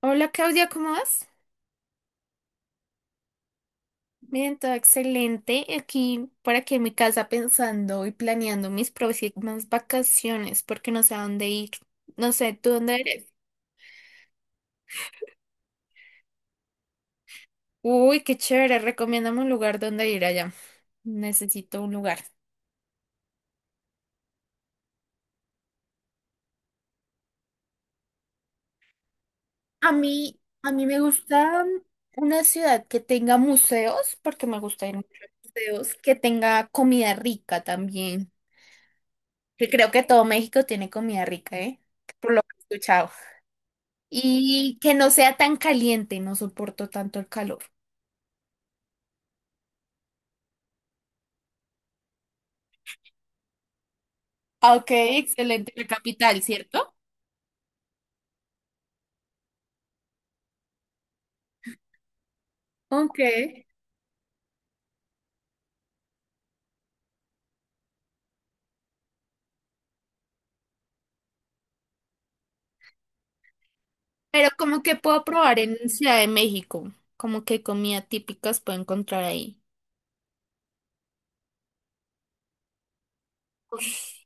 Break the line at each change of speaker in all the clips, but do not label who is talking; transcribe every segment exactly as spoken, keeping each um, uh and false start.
Hola Claudia, ¿cómo vas? Bien, todo excelente. Aquí, por aquí en mi casa pensando y planeando mis próximas vacaciones porque no sé a dónde ir. No sé, ¿tú dónde eres? Uy, qué chévere. Recomiéndame un lugar donde ir allá. Necesito un lugar. A mí, a mí me gusta una ciudad que tenga museos porque me gusta ir mucho a museos, que tenga comida rica también. Que creo que todo México tiene comida rica, ¿eh? Por lo que he escuchado. Y que no sea tan caliente, no soporto tanto el calor. Ah, ok, excelente. La capital, ¿cierto? Ok. Pero como que puedo probar en Ciudad de México, como que comida típicas puedo encontrar ahí. Ush,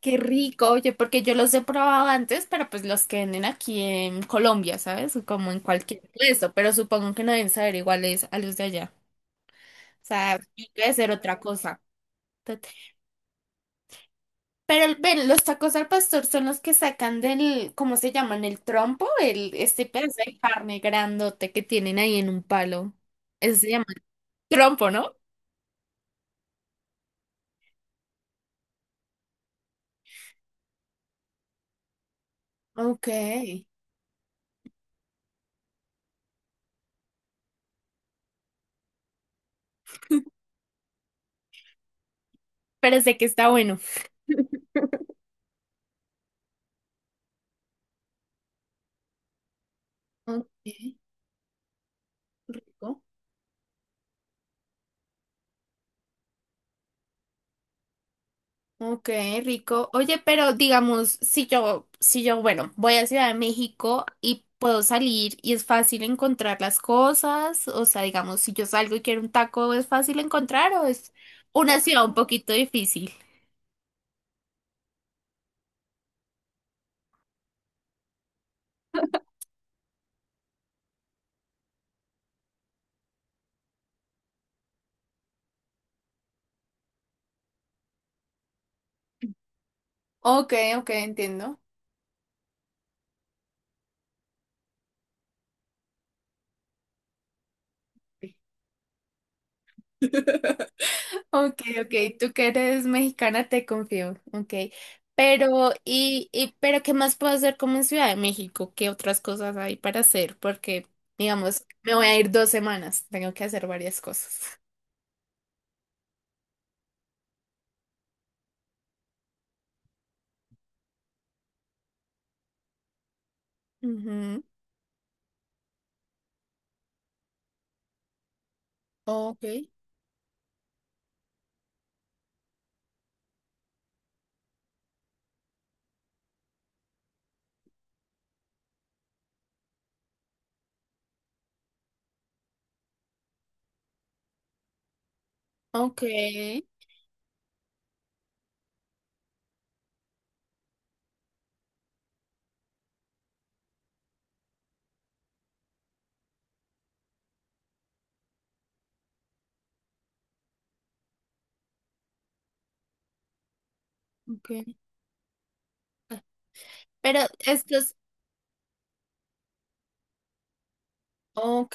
qué rico, oye, porque yo los he probado antes, pero pues los que venden aquí en Colombia, ¿sabes? Como en cualquier puesto, pero supongo que no deben saber iguales a los de allá. O sea, tiene que ser otra cosa. Pero ven, los tacos al pastor son los que sacan del, ¿cómo se llaman? El trompo, el, este pedazo de carne grandote que tienen ahí en un palo. Eso se llama trompo, ¿no? Ok. Pero sé que está bueno. Ok, rico. Ok, rico. Oye, pero digamos, si yo, si yo, bueno, voy a Ciudad de México y puedo salir y es fácil encontrar las cosas, o sea, digamos, si yo salgo y quiero un taco, ¿es fácil encontrar o es una ciudad un poquito difícil? Ok, ok, entiendo. Ok, ok, tú que eres mexicana te confío. Ok, pero y, y pero ¿qué más puedo hacer como en Ciudad de México? ¿Qué otras cosas hay para hacer? Porque, digamos, me voy a ir dos semanas, tengo que hacer varias cosas. Ujú. Ok, ok, ok. Pero estos, ok,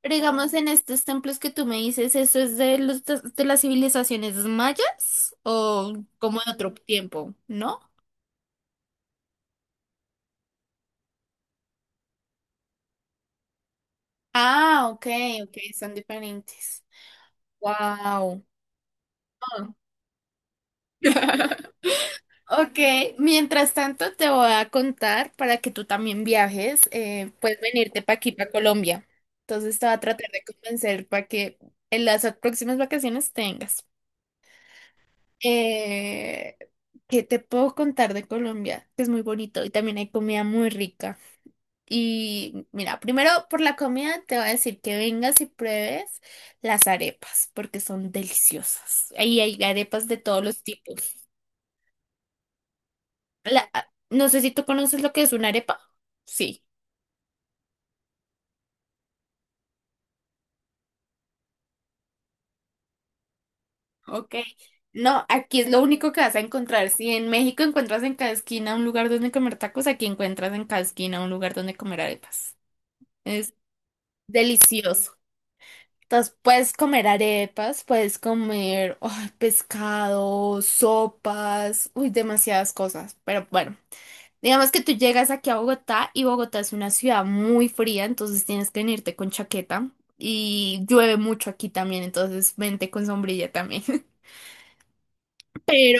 pero digamos en estos templos que tú me dices, ¿eso es de los de las civilizaciones mayas o como de otro tiempo, no? Ah, ok, ok, son diferentes. Wow. Ok, mientras tanto te voy a contar para que tú también viajes, eh, puedes venirte para aquí, para Colombia. Entonces te voy a tratar de convencer para que en las próximas vacaciones tengas. Eh, ¿Qué te puedo contar de Colombia? Que es muy bonito y también hay comida muy rica. Y mira, primero por la comida te voy a decir que vengas y pruebes las arepas, porque son deliciosas. Ahí hay arepas de todos los tipos. La- ah, no sé si tú conoces lo que es una arepa. Sí, ok. No, aquí es lo único que vas a encontrar. Si en México encuentras en cada esquina un lugar donde comer tacos, aquí encuentras en cada esquina un lugar donde comer arepas. Es delicioso. Entonces puedes comer arepas, puedes comer ay, pescado, sopas, uy, demasiadas cosas. Pero bueno, digamos que tú llegas aquí a Bogotá y Bogotá es una ciudad muy fría, entonces tienes que venirte con chaqueta y llueve mucho aquí también, entonces vente con sombrilla también. Pero,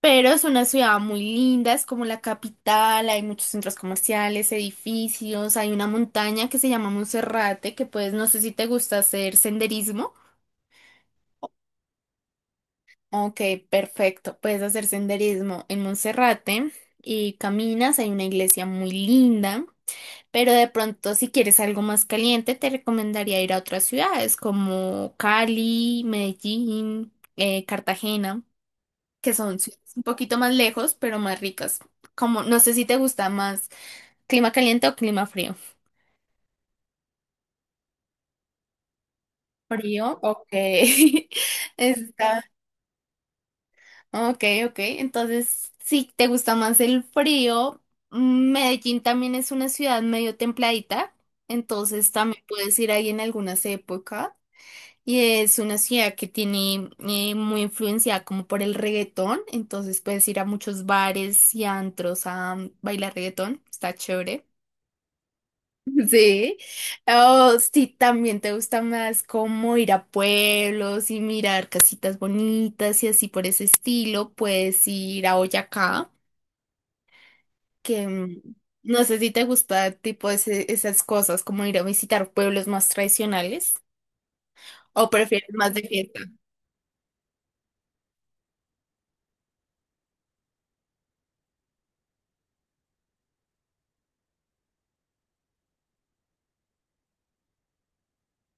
pero es una ciudad muy linda, es como la capital, hay muchos centros comerciales, edificios, hay una montaña que se llama Monserrate, que pues no sé si te gusta hacer senderismo. Ok, perfecto. Puedes hacer senderismo en Monserrate y caminas. Hay una iglesia muy linda, pero de pronto si quieres algo más caliente, te recomendaría ir a otras ciudades como Cali, Medellín, eh, Cartagena, que son ciudades un poquito más lejos, pero más ricas. Como no sé si te gusta más clima caliente o clima frío. Frío, ok. Está ok, ok. Entonces, si te gusta más el frío, mm, Medellín también es una ciudad medio templadita, entonces también puedes ir ahí en algunas épocas. Y es una ciudad que tiene eh, muy influenciada como por el reggaetón, entonces puedes ir a muchos bares y antros a mm, bailar reggaetón, está chévere. Sí, o si también te gusta más como ir a pueblos y mirar casitas bonitas y así por ese estilo, puedes ir a Boyacá, que mm, no sé si te gusta tipo ese- esas cosas, como ir a visitar pueblos más tradicionales o prefieres más de fiesta.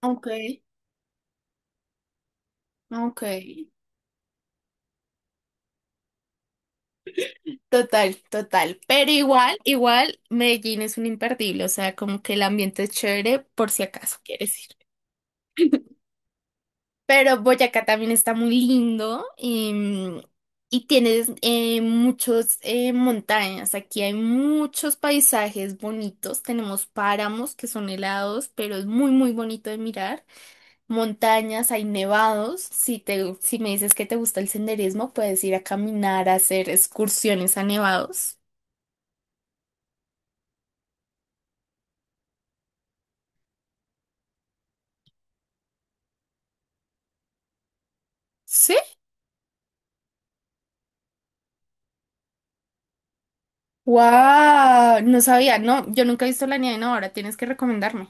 Ok, ok. Total, total. Pero igual, igual, Medellín es un imperdible, o sea, como que el ambiente es chévere por si acaso quieres ir. Pero Boyacá también está muy lindo em, y tienes eh, muchos eh, montañas. Aquí hay muchos paisajes bonitos. Tenemos páramos que son helados, pero es muy, muy bonito de mirar. Montañas, hay nevados. Si te, si me dices que te gusta el senderismo, puedes ir a caminar, a hacer excursiones a nevados. ¿Sí? ¡Wow! No sabía, no, yo nunca he visto la nieve, no, ahora tienes que recomendarme.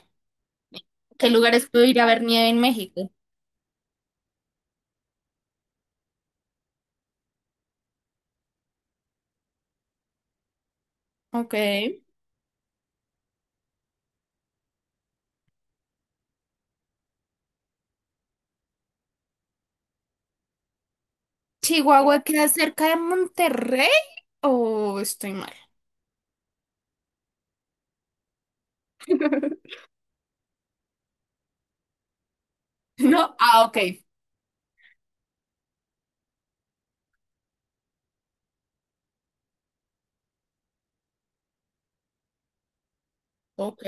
¿Qué lugares puedo ir a ver nieve en México? Ok. ¿Chihuahua queda cerca de Monterrey o estoy mal? No, ah, ok. Ok.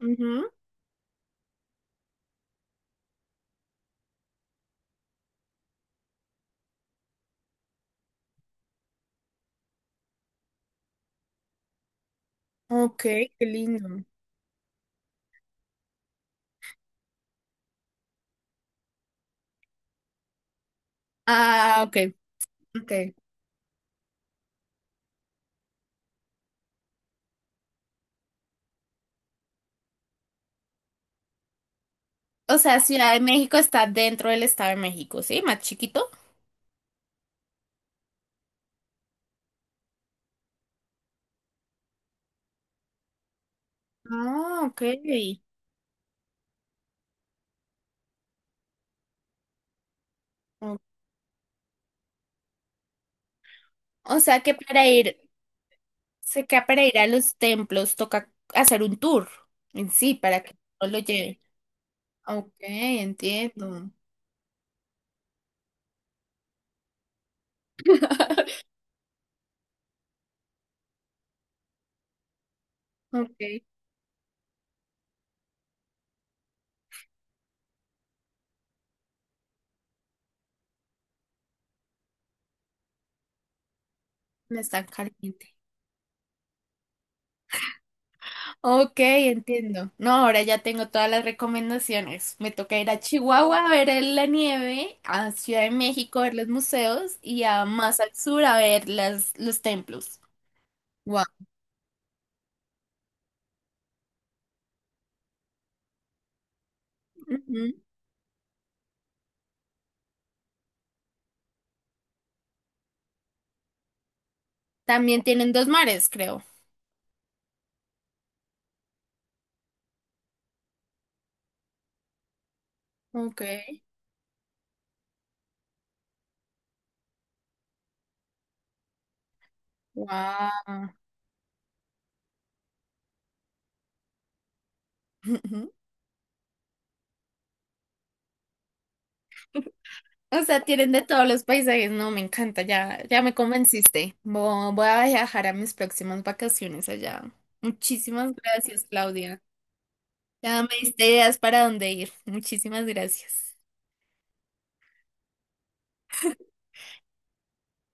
Ujú. Ok, qué lindo. Ah, ok, ok. O sea, Ciudad de México está dentro del Estado de México, ¿sí? Más chiquito. Ah, ok. O o sea que para ir, sé que para ir a los templos toca hacer un tour en sí para que no lo lleve. Ok, entiendo. Ok, no es tan caliente. Ok, entiendo. No, ahora ya tengo todas las recomendaciones. Me toca ir a Chihuahua a ver el- la nieve, a Ciudad de México a ver los museos y a más al sur a ver las, los templos. Wow. Ujú. También tienen dos mares, creo. Ok. Wow. O sea, tienen de todos los paisajes. No, me encanta, ya, ya me convenciste. Vo- Voy a viajar a mis próximas vacaciones allá. Muchísimas gracias, Claudia. Ya me diste ideas para dónde ir. Muchísimas gracias.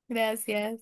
Gracias.